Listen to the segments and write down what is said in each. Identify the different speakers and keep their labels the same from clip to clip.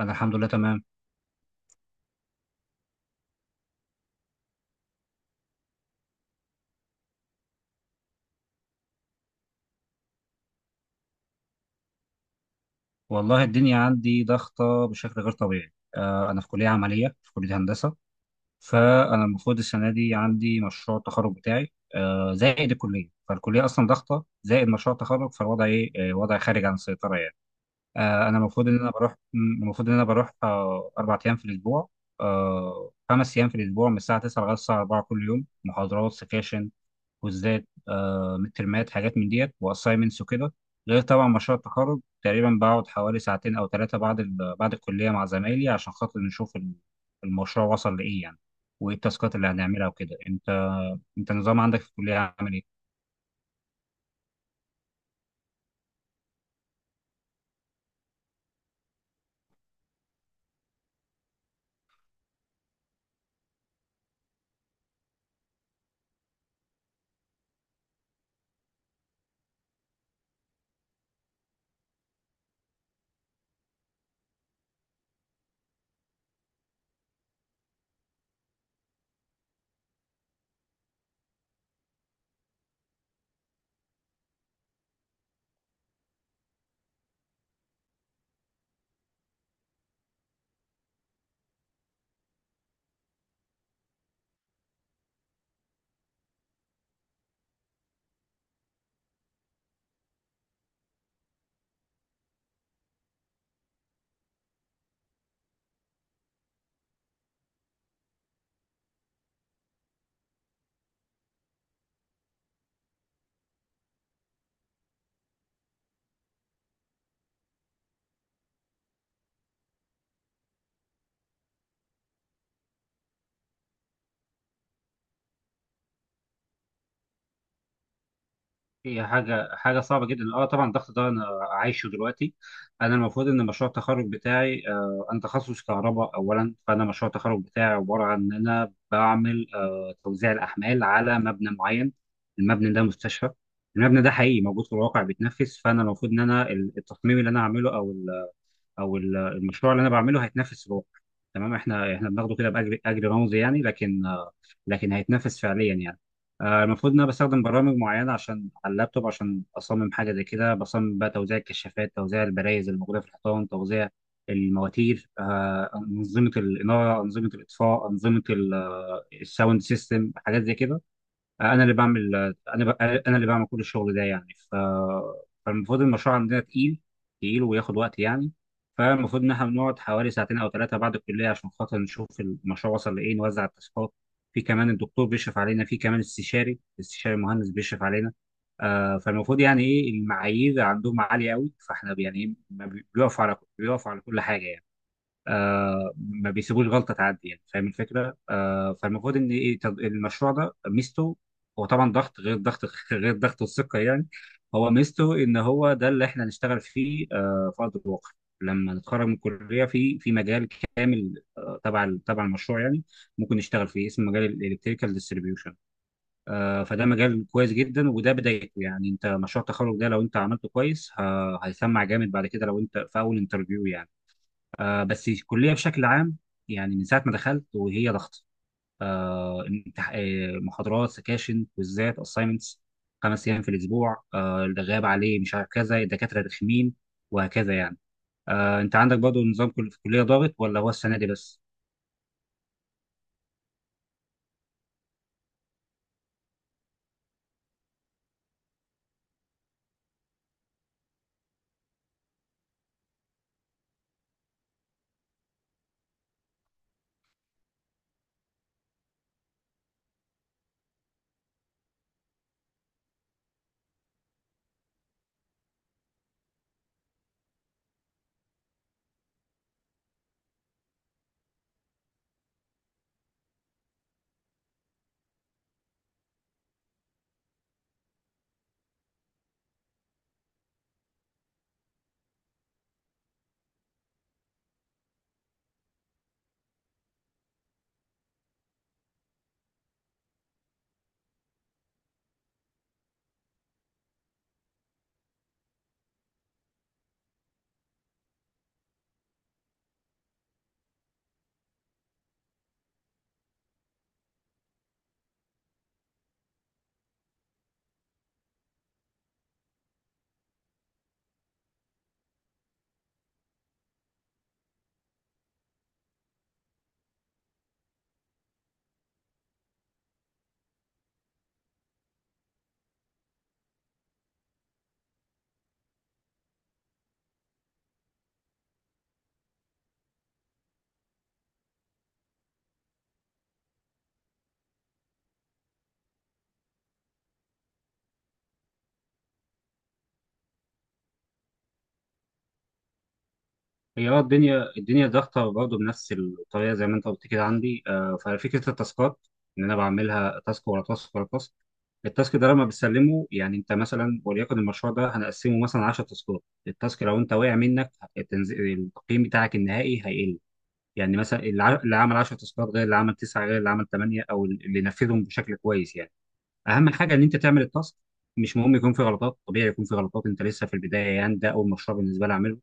Speaker 1: أنا الحمد لله تمام. والله الدنيا عندي ضغطة بشكل غير طبيعي. أنا في كلية عملية، في كلية هندسة. فأنا المفروض السنة دي عندي مشروع التخرج بتاعي، زائد الكلية، فالكلية أصلا ضغطة زائد مشروع التخرج، فالوضع إيه، وضع خارج عن السيطرة يعني. أنا المفروض إن أنا بروح المفروض إن أنا بروح، أربع أيام في الأسبوع، خمس أيام في الأسبوع، من الساعة 9 لغاية الساعة 4 كل يوم، محاضرات، سكاشن، كوزات مترمات، حاجات من ديت، واسايمنتس وكده. غير طبعا مشروع التخرج، تقريبا بقعد حوالي ساعتين او ثلاثه بعد بعد الكليه مع زمايلي عشان خاطر نشوف المشروع وصل لايه يعني، وايه التاسكات اللي هنعملها وكده. انت النظام عندك في الكليه عامل ايه؟ هي حاجة صعبة جدا، طبعا الضغط ده انا عايشه دلوقتي. انا المفروض ان مشروع التخرج بتاعي، انا تخصص كهرباء اولا، فانا مشروع التخرج بتاعي عبارة عن ان انا بعمل توزيع الاحمال على مبنى معين. المبنى ده مستشفى، المبنى ده حقيقي موجود في الواقع بيتنفس، فانا المفروض ان انا التصميم اللي انا هعمله او المشروع اللي انا بعمله هيتنافس، روح. تمام، احنا بناخده كده باجر، اجر رمزي يعني، لكن، لكن هيتنافس فعليا يعني. المفروض ان انا بستخدم برامج معينه عشان، على اللابتوب، عشان اصمم حاجه زي كده. بصمم بقى توزيع الكشافات، توزيع البرايز اللي موجوده في الحيطان، توزيع المواتير، انظمه الاناره، انظمه الاطفاء، انظمه الساوند سيستم، حاجات زي كده. انا اللي بعمل، انا اللي بعمل كل الشغل ده يعني، فالمفروض المشروع عندنا تقيل، تقيل وياخد وقت يعني. فالمفروض ان احنا بنقعد حوالي ساعتين او ثلاثه بعد الكليه عشان خاطر نشوف المشروع وصل لايه، نوزع التاسكات. في كمان الدكتور بيشرف علينا، في كمان استشاري، المهندس بيشرف علينا. فالمفروض يعني ايه، المعايير عندهم عاليه قوي، فاحنا يعني إيه، ما بي- بيقفوا على كل حاجه يعني. ما بيسيبوش غلطه تعدي يعني، فاهم الفكره. فالمفروض ان ايه، طب المشروع ده ميزته، هو طبعا ضغط غير ضغط غير ضغط الثقه يعني. هو ميزته ان هو ده اللي احنا هنشتغل فيه، في ارض الواقع لما نتخرج من الكليه، في مجال كامل، تبع المشروع يعني، ممكن نشتغل فيه، اسمه مجال الالكتريكال ديستريبيوشن. فده مجال كويس جدا، وده بدايته يعني. انت مشروع التخرج ده لو انت عملته كويس، هيسمع جامد بعد كده لو انت في اول انترفيو يعني. بس الكليه بشكل عام، يعني من ساعه ما دخلت وهي ضغط، محاضرات، سكاشن، كويزات، اساينمنتس، خمس ايام في الاسبوع. اللي غاب عليه مش عارف كذا، الدكاتره رخمين وهكذا يعني. انت عندك برضه نظام، كل في الكليه ضاغط ولا هو السنه دي بس؟ هي، الدنيا ضغطة برضه بنفس الطريقة زي ما انت قلت كده. عندي ففكرة التاسكات ان انا بعملها تاسك ورا تاسك ورا تاسك. التاسك ده لما بتسلمه يعني، انت مثلا وليكن المشروع ده هنقسمه مثلا 10 تاسكات، التاسك لو انت وقع منك، التقييم بتاعك النهائي هيقل. يعني مثلا اللي عمل 10 تاسكات غير اللي عمل 9 غير اللي عمل 8، او اللي نفذهم بشكل كويس يعني. اهم حاجة ان انت تعمل التاسك، مش مهم يكون في غلطات، طبيعي يكون في غلطات، انت لسه في البداية يعني، ده اول مشروع بالنسبة لي اعمله،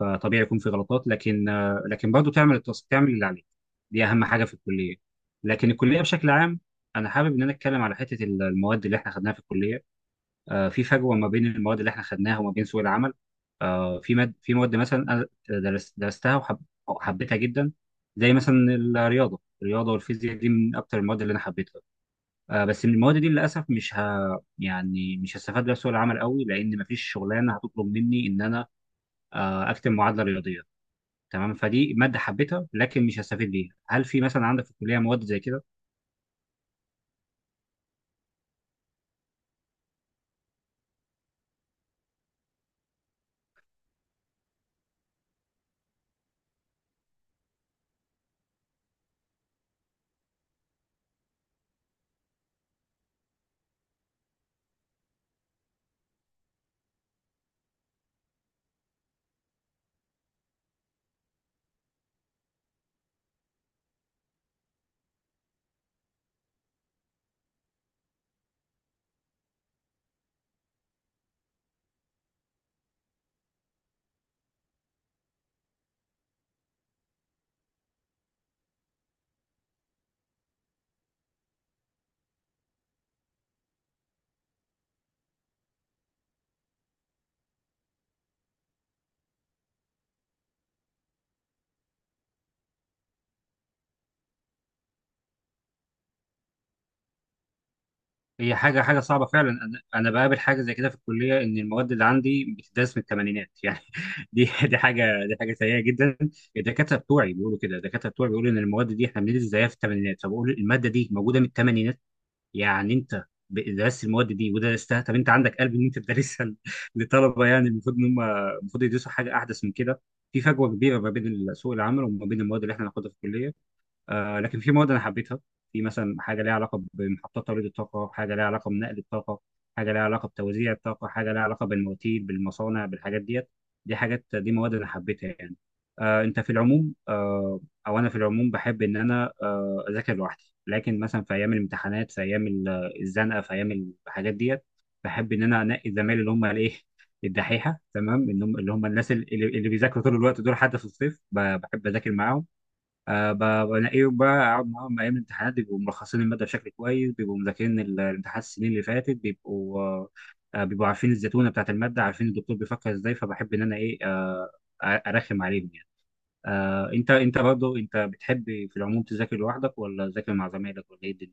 Speaker 1: فطبيعي يكون في غلطات، لكن، لكن برضه تعمل تعمل اللي عليك، دي اهم حاجه في الكليه. لكن الكليه بشكل عام، انا حابب ان انا اتكلم على حته المواد اللي احنا خدناها في الكليه. في فجوه ما بين المواد اللي احنا خدناها وما بين سوق العمل. في مواد مثلا انا درستها وحبيتها جدا، زي مثلا الرياضه والفيزياء، دي من اكتر المواد اللي انا حبيتها. بس من المواد دي للاسف مش ه... يعني مش هستفاد بيها في سوق العمل قوي، لان مفيش شغلانه هتطلب مني ان انا، اكتب معادله رياضيه. تمام، فدي ماده حبيتها لكن مش هستفيد بيها. هل في مثلا عندك في الكليه مواد زي كده؟ هي حاجه صعبه فعلا. انا بقابل حاجه زي كده في الكليه، ان المواد اللي عندي بتدرس من الثمانينات يعني. دي حاجه سيئه جدا. الدكاتره بتوعي بيقولوا كده، الدكاتره بتوعي بيقولوا ان المواد دي احنا بندرس زيها في الثمانينات، فبقول الماده دي موجوده من الثمانينات يعني. انت درست المواد دي ودرستها، طب انت عندك قلب ان انت تدرسها لطلبه؟ يعني المفروض ان هم، المفروض يدرسوا حاجه احدث من كده. في فجوه كبيره ما بين سوق العمل وما بين المواد اللي احنا هناخدها في الكليه. لكن في مواد انا حبيتها. في مثلا حاجه ليها علاقه بمحطات توليد الطاقه، حاجه ليها علاقه بنقل الطاقه، حاجه ليها علاقه بتوزيع الطاقه، حاجه ليها علاقه بالمواتير، بالمصانع، بالحاجات ديت. دي حاجات، دي مواد انا حبيتها يعني. آه انت في العموم آه او انا في العموم بحب ان انا اذاكر لوحدي، لكن مثلا في ايام الامتحانات، في ايام الزنقه، في ايام الحاجات ديت، بحب ان انا انقي الزمايل اللي هم الايه، الدحيحه، تمام، اللي هم الناس اللي بيذاكروا طول الوقت، دول حتى في الصيف بحب اذاكر معاهم. أه ب- بلاقيهم بقى أقعد معاهم أيام الامتحانات، بيبقوا ملخصين المادة بشكل كويس، بيبقوا مذاكرين الامتحانات السنين اللي فاتت، بيبقوا آه، آه، بيبقوا عارفين الزتونة بتاعت المادة، عارفين الدكتور بيفكر إزاي، فبحب إن أنا إيه، أرخم عليهم يعني. أه أنت أنت برضه أنت بتحب في العموم تذاكر لوحدك، ولا تذاكر مع زمايلك، ولا إيه الدنيا؟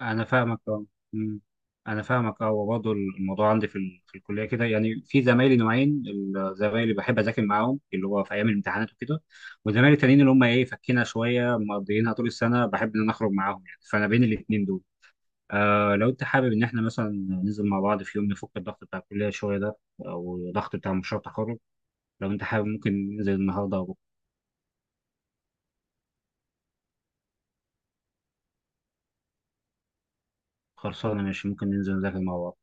Speaker 1: انا فاهمك، اه. أمم. انا فاهمك اه، وبرضه الموضوع عندي في في الكليه كده يعني. في زمايلي نوعين، الزمايل اللي بحب اذاكر معاهم، اللي هو في ايام الامتحانات وكده، وزمايلي التانيين اللي هم ايه، فكينا شويه، مقضيينها طول السنه بحب ان انا اخرج معاهم يعني، فانا بين الاثنين دول. لو انت حابب ان احنا مثلا ننزل مع بعض في يوم نفك الضغط بتاع الكليه شويه ده، او الضغط بتاع مشروع التخرج، لو انت حابب ممكن ننزل النهارده او بكرة. خلصانه، ماشي، ممكن ننزل نذاكر مع بعض.